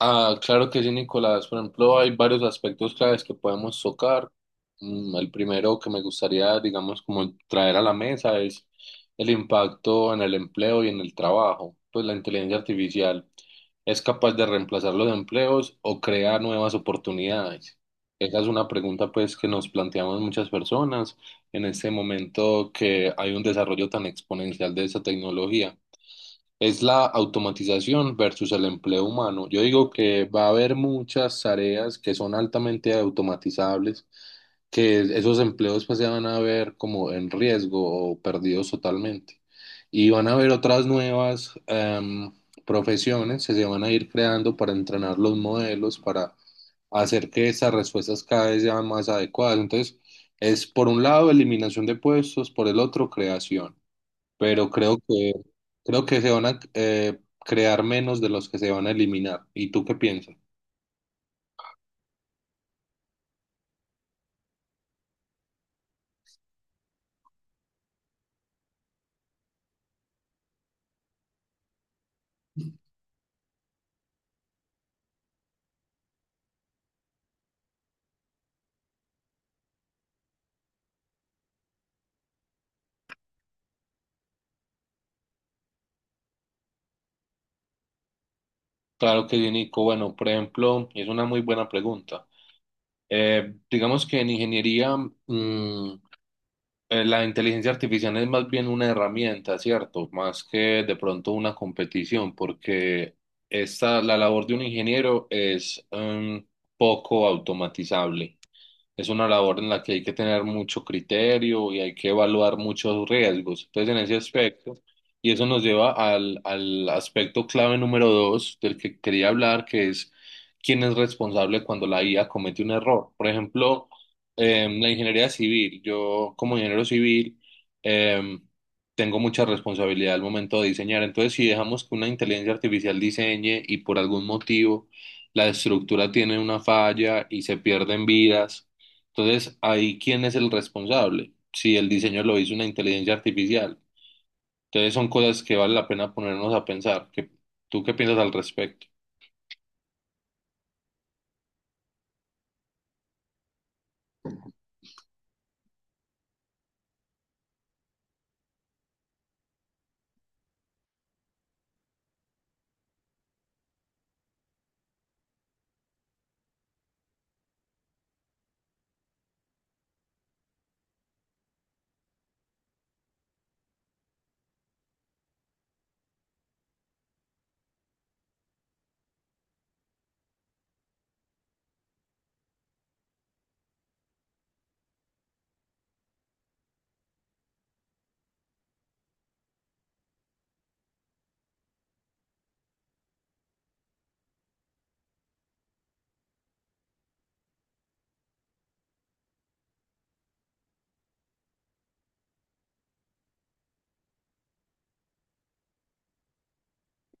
Ah, claro que sí, Nicolás. Por ejemplo, hay varios aspectos claves que podemos tocar. El primero que me gustaría, digamos, como traer a la mesa es el impacto en el empleo y en el trabajo. Pues la inteligencia artificial es capaz de reemplazar los empleos o crear nuevas oportunidades. Esa es una pregunta, pues, que nos planteamos muchas personas en este momento que hay un desarrollo tan exponencial de esa tecnología. Es la automatización versus el empleo humano. Yo digo que va a haber muchas tareas que son altamente automatizables, que esos empleos pues se van a ver como en riesgo o perdidos totalmente. Y van a haber otras nuevas profesiones que se van a ir creando para entrenar los modelos, para hacer que esas respuestas cada vez sean más adecuadas. Entonces, es por un lado eliminación de puestos, por el otro creación, pero creo que se van a crear menos de los que se van a eliminar. ¿Y tú qué piensas? Claro que sí, Nico. Bueno, por ejemplo, es una muy buena pregunta. Digamos que en ingeniería, mm, la inteligencia artificial es más bien una herramienta, ¿cierto? Más que de pronto una competición, porque esta, la labor de un ingeniero es poco automatizable. Es una labor en la que hay que tener mucho criterio y hay que evaluar muchos riesgos. Entonces, en ese aspecto, y eso nos lleva al aspecto clave número 2 del que quería hablar, que es quién es responsable cuando la IA comete un error. Por ejemplo, la ingeniería civil, yo como ingeniero civil, em, tengo mucha responsabilidad al momento de diseñar. Entonces, si dejamos que una inteligencia artificial diseñe y por algún motivo la estructura tiene una falla y se pierden vidas, entonces, ahí, ¿quién es el responsable? Si el diseño lo hizo una inteligencia artificial. Entonces, son cosas que vale la pena ponernos a pensar. ¿Tú qué piensas al respecto?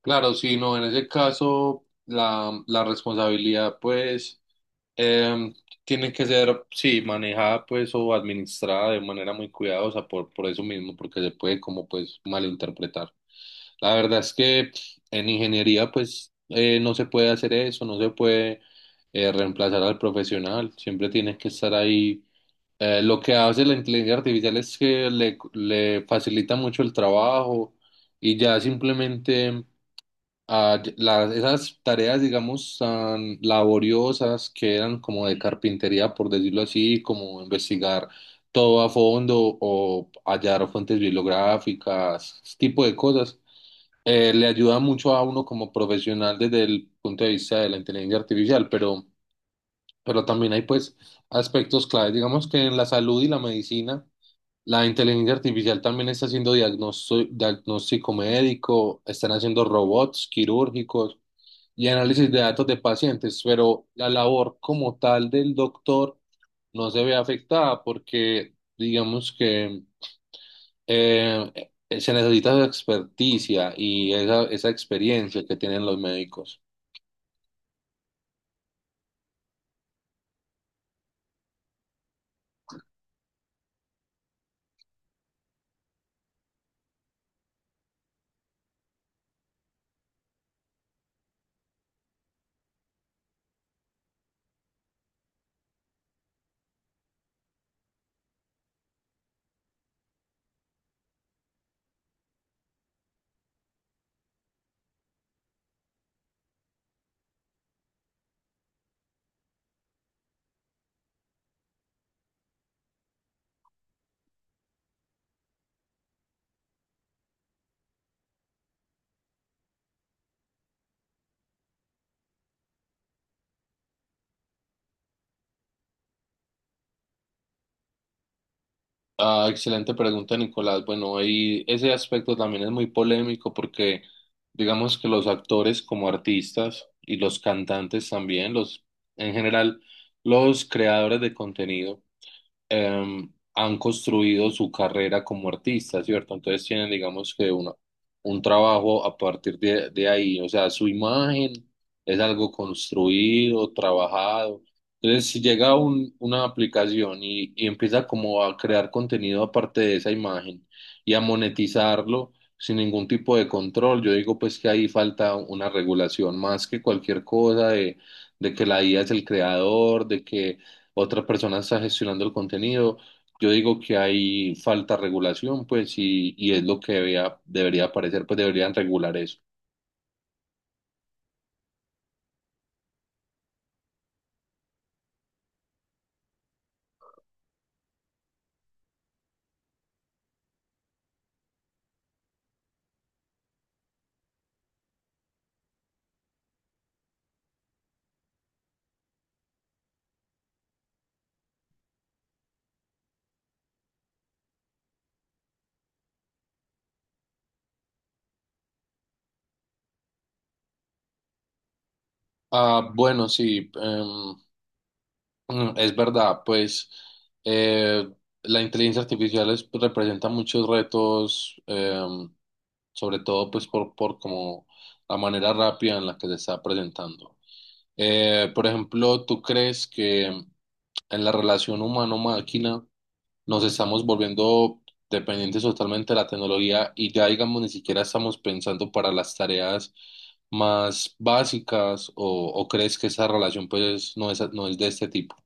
Claro, sí, no, en ese caso la responsabilidad pues em, tiene que ser, sí, manejada pues o administrada de manera muy cuidadosa por eso mismo, porque se puede como pues malinterpretar. La verdad es que en ingeniería pues no se puede hacer eso, no se puede reemplazar al profesional, siempre tiene que estar ahí. Lo que hace la inteligencia artificial es que le facilita mucho el trabajo y ya simplemente... Esas tareas, digamos, tan laboriosas que eran como de carpintería, por decirlo así, como investigar todo a fondo o hallar fuentes bibliográficas, ese tipo de cosas, le ayuda mucho a uno como profesional desde el punto de vista de la inteligencia artificial, pero también hay pues aspectos clave, digamos que en la salud y la medicina. La inteligencia artificial también está haciendo diagnóstico médico, están haciendo robots quirúrgicos y análisis de datos de pacientes, pero la labor como tal del doctor no se ve afectada porque digamos que eh, se necesita su experticia y esa experiencia que tienen los médicos. Ah, excelente pregunta, Nicolás. Bueno, ahí ese aspecto también es muy polémico porque digamos que los actores como artistas y los cantantes también, los en general los creadores de contenido eh, han construido su carrera como artistas, ¿cierto? Entonces tienen, digamos que un trabajo a partir de ahí, o sea, su imagen es algo construido, trabajado. Entonces, si llega una aplicación y empieza como a crear contenido aparte de esa imagen y a monetizarlo sin ningún tipo de control, yo digo pues que ahí falta una regulación más que cualquier cosa de que la IA es el creador, de que otra persona está gestionando el contenido. Yo digo que hay falta de regulación, pues, y es lo que debería, debería aparecer, pues deberían regular eso. Ah, bueno, sí, es verdad, pues eh, la inteligencia artificial pues, representa muchos retos, sobre todo pues por como la manera rápida en la que se está presentando. Por ejemplo, ¿tú crees que en la relación humano-máquina nos estamos volviendo dependientes totalmente de la tecnología y ya digamos ni siquiera estamos pensando para las tareas más básicas o crees que esa relación pues no es, no es de este tipo?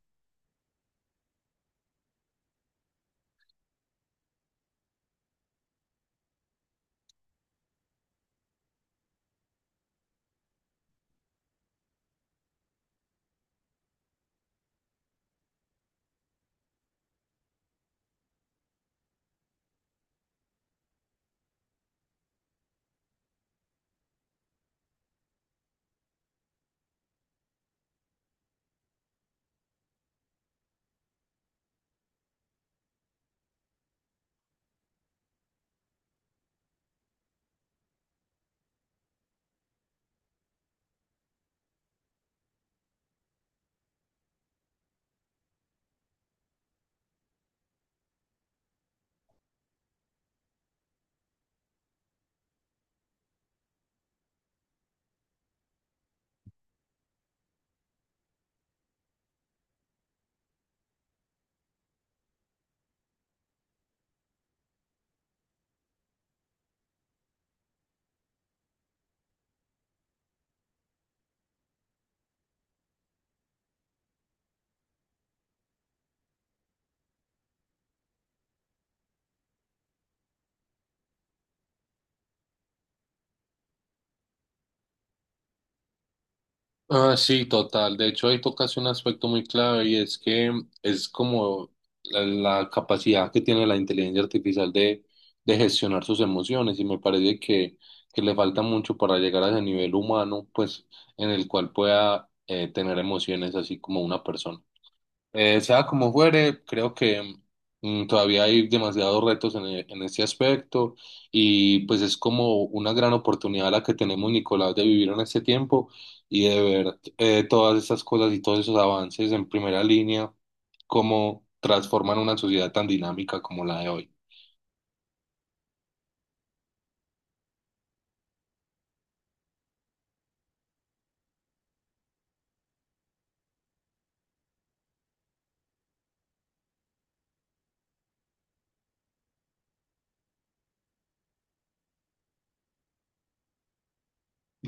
Ah, sí, total. De hecho, ahí tocas un aspecto muy clave y es que es como la, la capacidad que tiene la inteligencia artificial de gestionar sus emociones y me parece que le falta mucho para llegar a ese nivel humano, pues en el cual pueda tener emociones así como una persona. Sea como fuere, creo que todavía hay demasiados retos en, en este aspecto y pues es como una gran oportunidad la que tenemos, Nicolás, de vivir en este tiempo y de ver todas estas cosas y todos esos avances en primera línea, cómo transforman una sociedad tan dinámica como la de hoy.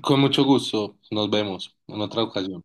Con mucho gusto, nos vemos en otra ocasión.